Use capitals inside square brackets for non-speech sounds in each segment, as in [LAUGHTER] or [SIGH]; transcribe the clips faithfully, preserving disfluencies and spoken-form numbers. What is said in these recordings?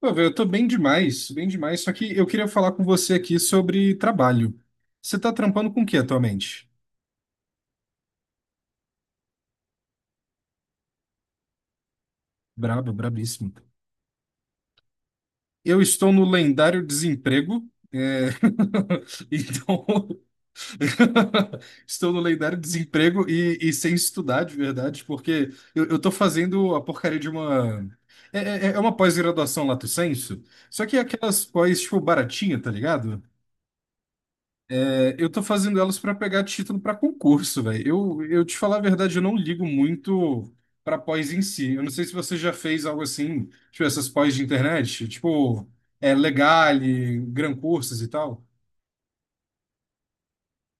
Pô, velho, eu tô bem demais, bem demais. Só que eu queria falar com você aqui sobre trabalho. Você tá trampando com o que atualmente? Brabo, brabíssimo. Eu estou no lendário desemprego. é, [LAUGHS] Então, [LAUGHS] estou no lendário desemprego e, e sem estudar, de verdade, porque eu, eu tô fazendo a porcaria de uma. É, é- é uma pós-graduação lato sensu, só que é aquelas pós, tipo, baratinha, tá ligado? Eu tô fazendo elas para pegar título para concurso, velho. Eu, eu te falar a verdade, eu não ligo muito para pós em si. Eu não sei se você já fez algo assim, tipo essas pós de internet, tipo é, Legale, Gran Cursos e tal.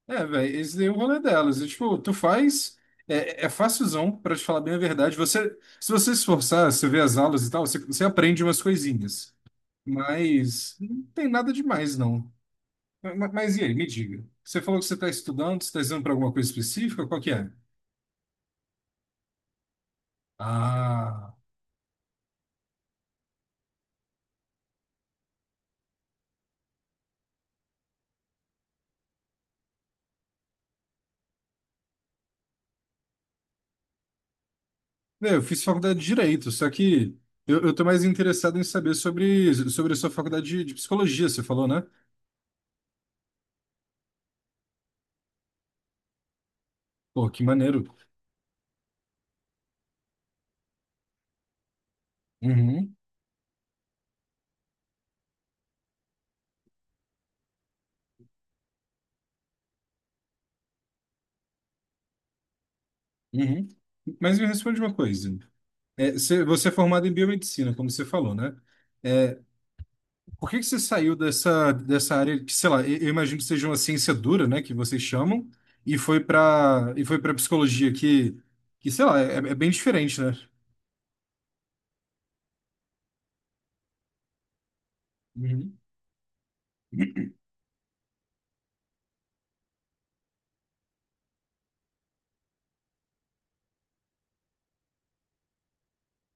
É, velho, esse daí é o rolê delas. E, tipo, tu faz, é, é facilzão, para te falar bem a verdade. Você, se você se esforçar, você vê as aulas e tal, você, você aprende umas coisinhas. Mas não tem nada demais, não. Mas, mas e aí, me diga. Você falou que você está estudando, você está estudando para alguma coisa específica? Qual que é? Ah, é, eu fiz faculdade de Direito, só que eu, eu tô mais interessado em saber sobre, sobre a sua faculdade de, de Psicologia, você falou, né? Pô, que maneiro. Uhum, uhum. Mas me responde uma coisa. É, você, você é formado em biomedicina, como você falou, né? É, Por que que você saiu dessa, dessa área que, sei lá, eu eu imagino que seja uma ciência dura, né, que vocês chamam, e foi para e foi para psicologia que que sei lá, é, é bem diferente, né? Uhum,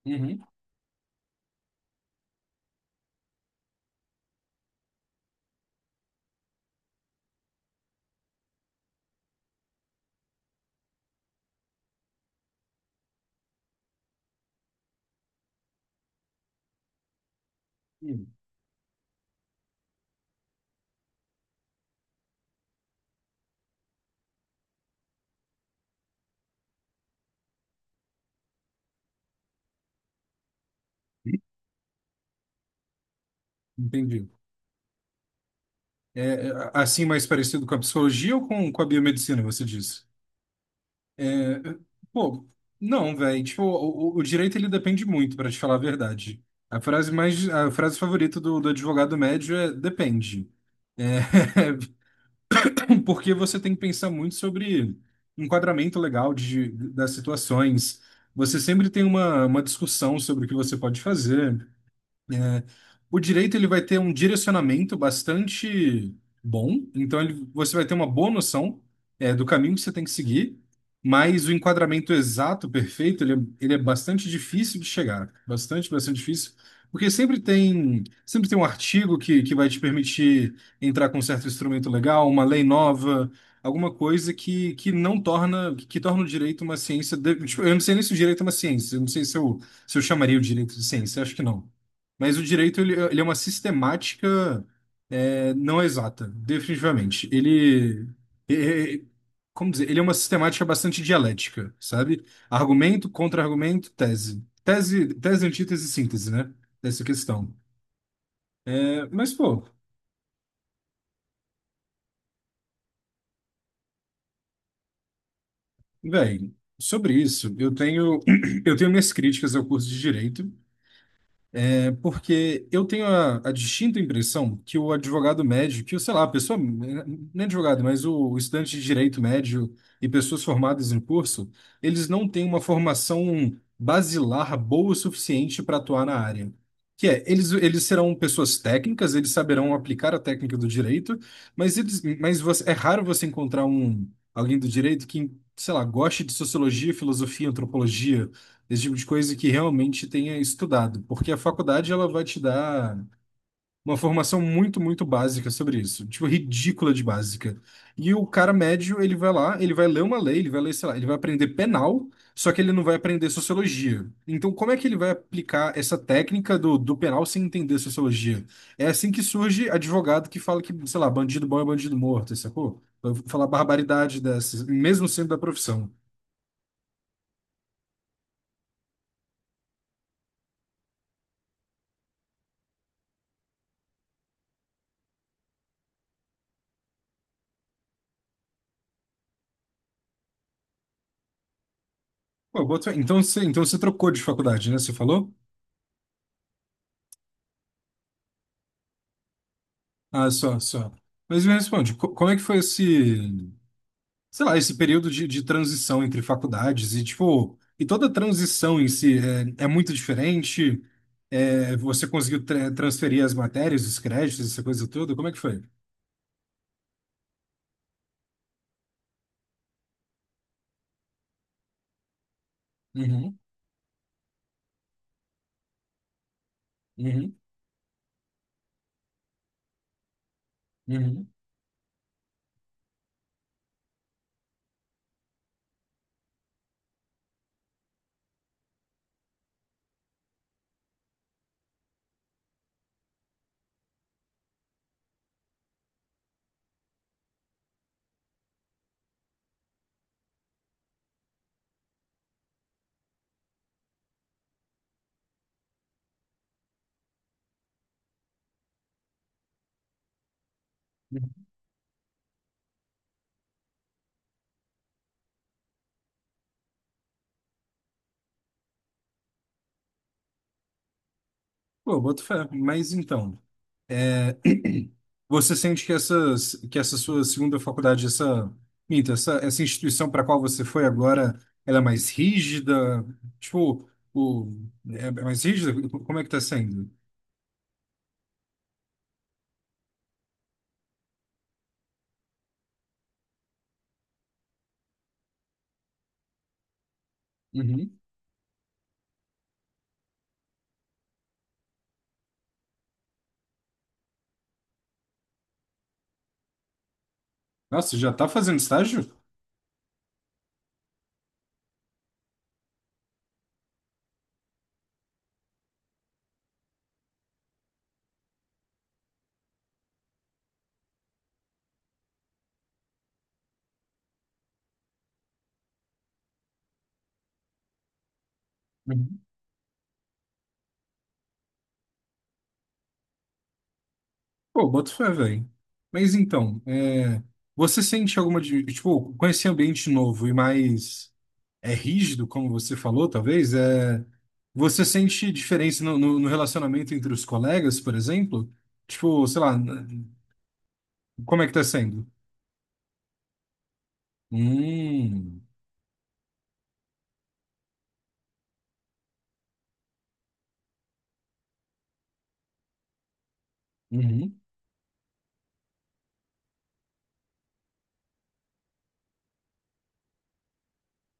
uhum, uhum. Entendi. É, é, assim mais parecido com a psicologia ou com, com a biomedicina, você disse? É, é, Pô, não, velho. Tipo, o, o- o direito ele depende muito, para te falar a verdade. A frase mais, a frase favorita do, do advogado médio é depende. É, [LAUGHS] porque você tem que pensar muito sobre enquadramento legal de, das situações. Você sempre tem uma, uma discussão sobre o que você pode fazer. Né? O direito ele vai ter um direcionamento bastante bom, então ele- você vai ter uma boa noção é, do caminho que você tem que seguir, mas o enquadramento exato, perfeito, ele é, ele é bastante difícil de chegar, bastante, bastante difícil, porque sempre tem sempre tem um artigo que, que vai te permitir entrar com um certo instrumento legal, uma lei nova, alguma coisa que, que não torna que torna o direito uma ciência. De- tipo, eu não sei nem se o direito é uma ciência, eu não sei se eu, se eu chamaria o direito de ciência, acho que não. Mas o direito ele, ele é uma sistemática é, não exata, definitivamente. Ele, é- é- Como dizer, ele é uma sistemática bastante dialética, sabe? Argumento, contra-argumento, tese. Tese, tese, antítese, síntese, né? Dessa questão. É, mas, pô, velho, sobre isso, eu tenho, [CLEARS THROAT] eu tenho minhas críticas ao curso de direito. É, porque eu tenho a, a distinta impressão que o advogado médio, que, o, sei lá, a pessoa, nem advogado, mas o, o estudante de direito médio e pessoas formadas em curso, eles não têm uma formação basilar boa o suficiente para atuar na área. Que é, eles, eles serão pessoas técnicas, eles saberão aplicar a técnica do direito, mas, eles, mas você- é raro você encontrar um, alguém do direito que, sei lá, goste de sociologia, filosofia, antropologia, esse tipo de coisa que realmente tenha estudado, porque a faculdade ela vai te dar uma formação muito, muito básica sobre isso, tipo, ridícula de básica. E o cara médio, ele vai lá, ele vai ler uma lei, ele vai ler, sei lá, ele vai aprender penal, só que ele não vai aprender sociologia. Então, como é que ele vai aplicar essa técnica do, do penal sem entender sociologia? É assim que surge advogado que fala que, sei lá, bandido bom é bandido morto, sacou? Vai falar barbaridade dessas, mesmo sendo da profissão. Pô, eu boto fé. Então você, então você trocou de faculdade, né? Você falou? Ah, só, só. Mas me responde, co- como é que foi esse, sei lá, esse período de, de transição entre faculdades e, tipo, e toda a transição em si é, é muito diferente? É, você conseguiu tra- transferir as matérias, os créditos, essa coisa toda? Como é que foi? Uhum, uhum, uhum. Pô, boto fé. Mas então. Você sente que essas, que essa sua segunda faculdade, essa, minto, essa, essa instituição para a qual você foi agora, ela é mais rígida? Tipo, o, é é mais rígida? Como é que tá sendo? Uhum. Nossa, já tá fazendo estágio? Uhum. Pô, boto fé, velho. Mas então, é, você sente alguma, di- tipo, com esse ambiente novo e mais é rígido, como você falou, talvez, é... você sente diferença no, no, no relacionamento entre os colegas, por exemplo? Tipo, sei lá, n- como é que tá sendo? Hum, uhum,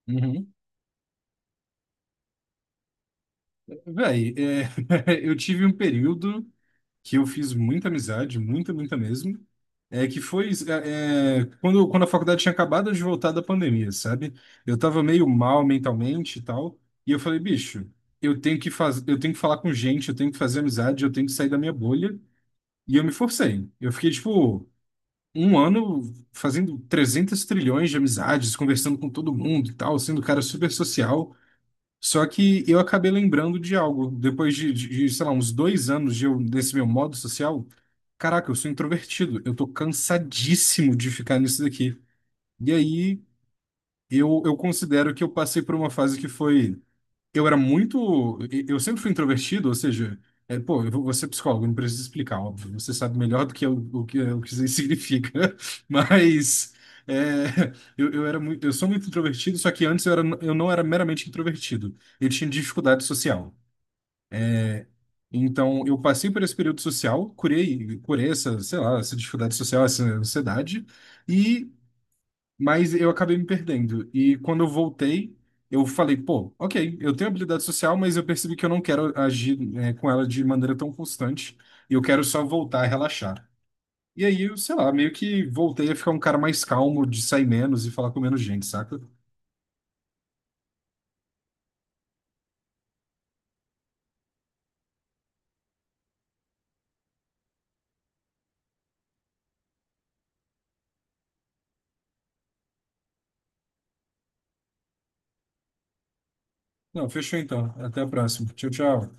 uhum. Véi, é, [LAUGHS] eu tive um período que eu fiz muita amizade, muita, muita mesmo. É que foi é, é, Quando, quando a faculdade tinha acabado de voltar da pandemia, sabe? Eu tava meio mal mentalmente e tal. E eu falei, bicho, eu tenho que faz... eu tenho que falar com gente, eu tenho que fazer amizade, eu tenho que sair da minha bolha. E eu me forcei. Eu fiquei, tipo, um ano fazendo trezentos trilhões de amizades, conversando com todo mundo e tal, sendo um cara super social. Só que eu acabei lembrando de algo. Depois de, de- de, sei lá, uns dois anos de eu, desse meu modo social, caraca, eu sou introvertido. Eu tô cansadíssimo de ficar nisso daqui. E aí eu, eu considero que eu passei por uma fase que foi eu era muito. Eu sempre fui introvertido, ou seja, é, pô, eu vou vou ser psicólogo, não preciso explicar, óbvio. Você sabe melhor do que eu, o que, o que isso aí [LAUGHS] significa. Mas é, eu, eu era muito, eu sou muito introvertido, só que antes eu, era, eu não era meramente introvertido. Eu tinha dificuldade social. Então, eu passei por esse período social, curei, curei essa, sei lá, essa dificuldade social, essa ansiedade, e mas eu acabei me perdendo. E quando eu voltei, eu falei, pô, ok, eu tenho habilidade social, mas eu percebi que eu não quero agir, eh, com ela de maneira tão constante. E eu quero só voltar a relaxar. E aí, eu, sei lá, meio que voltei a ficar um cara mais calmo, de sair menos e falar com menos gente, saca? Não, fechou então. Até a próxima. Tchau, tchau.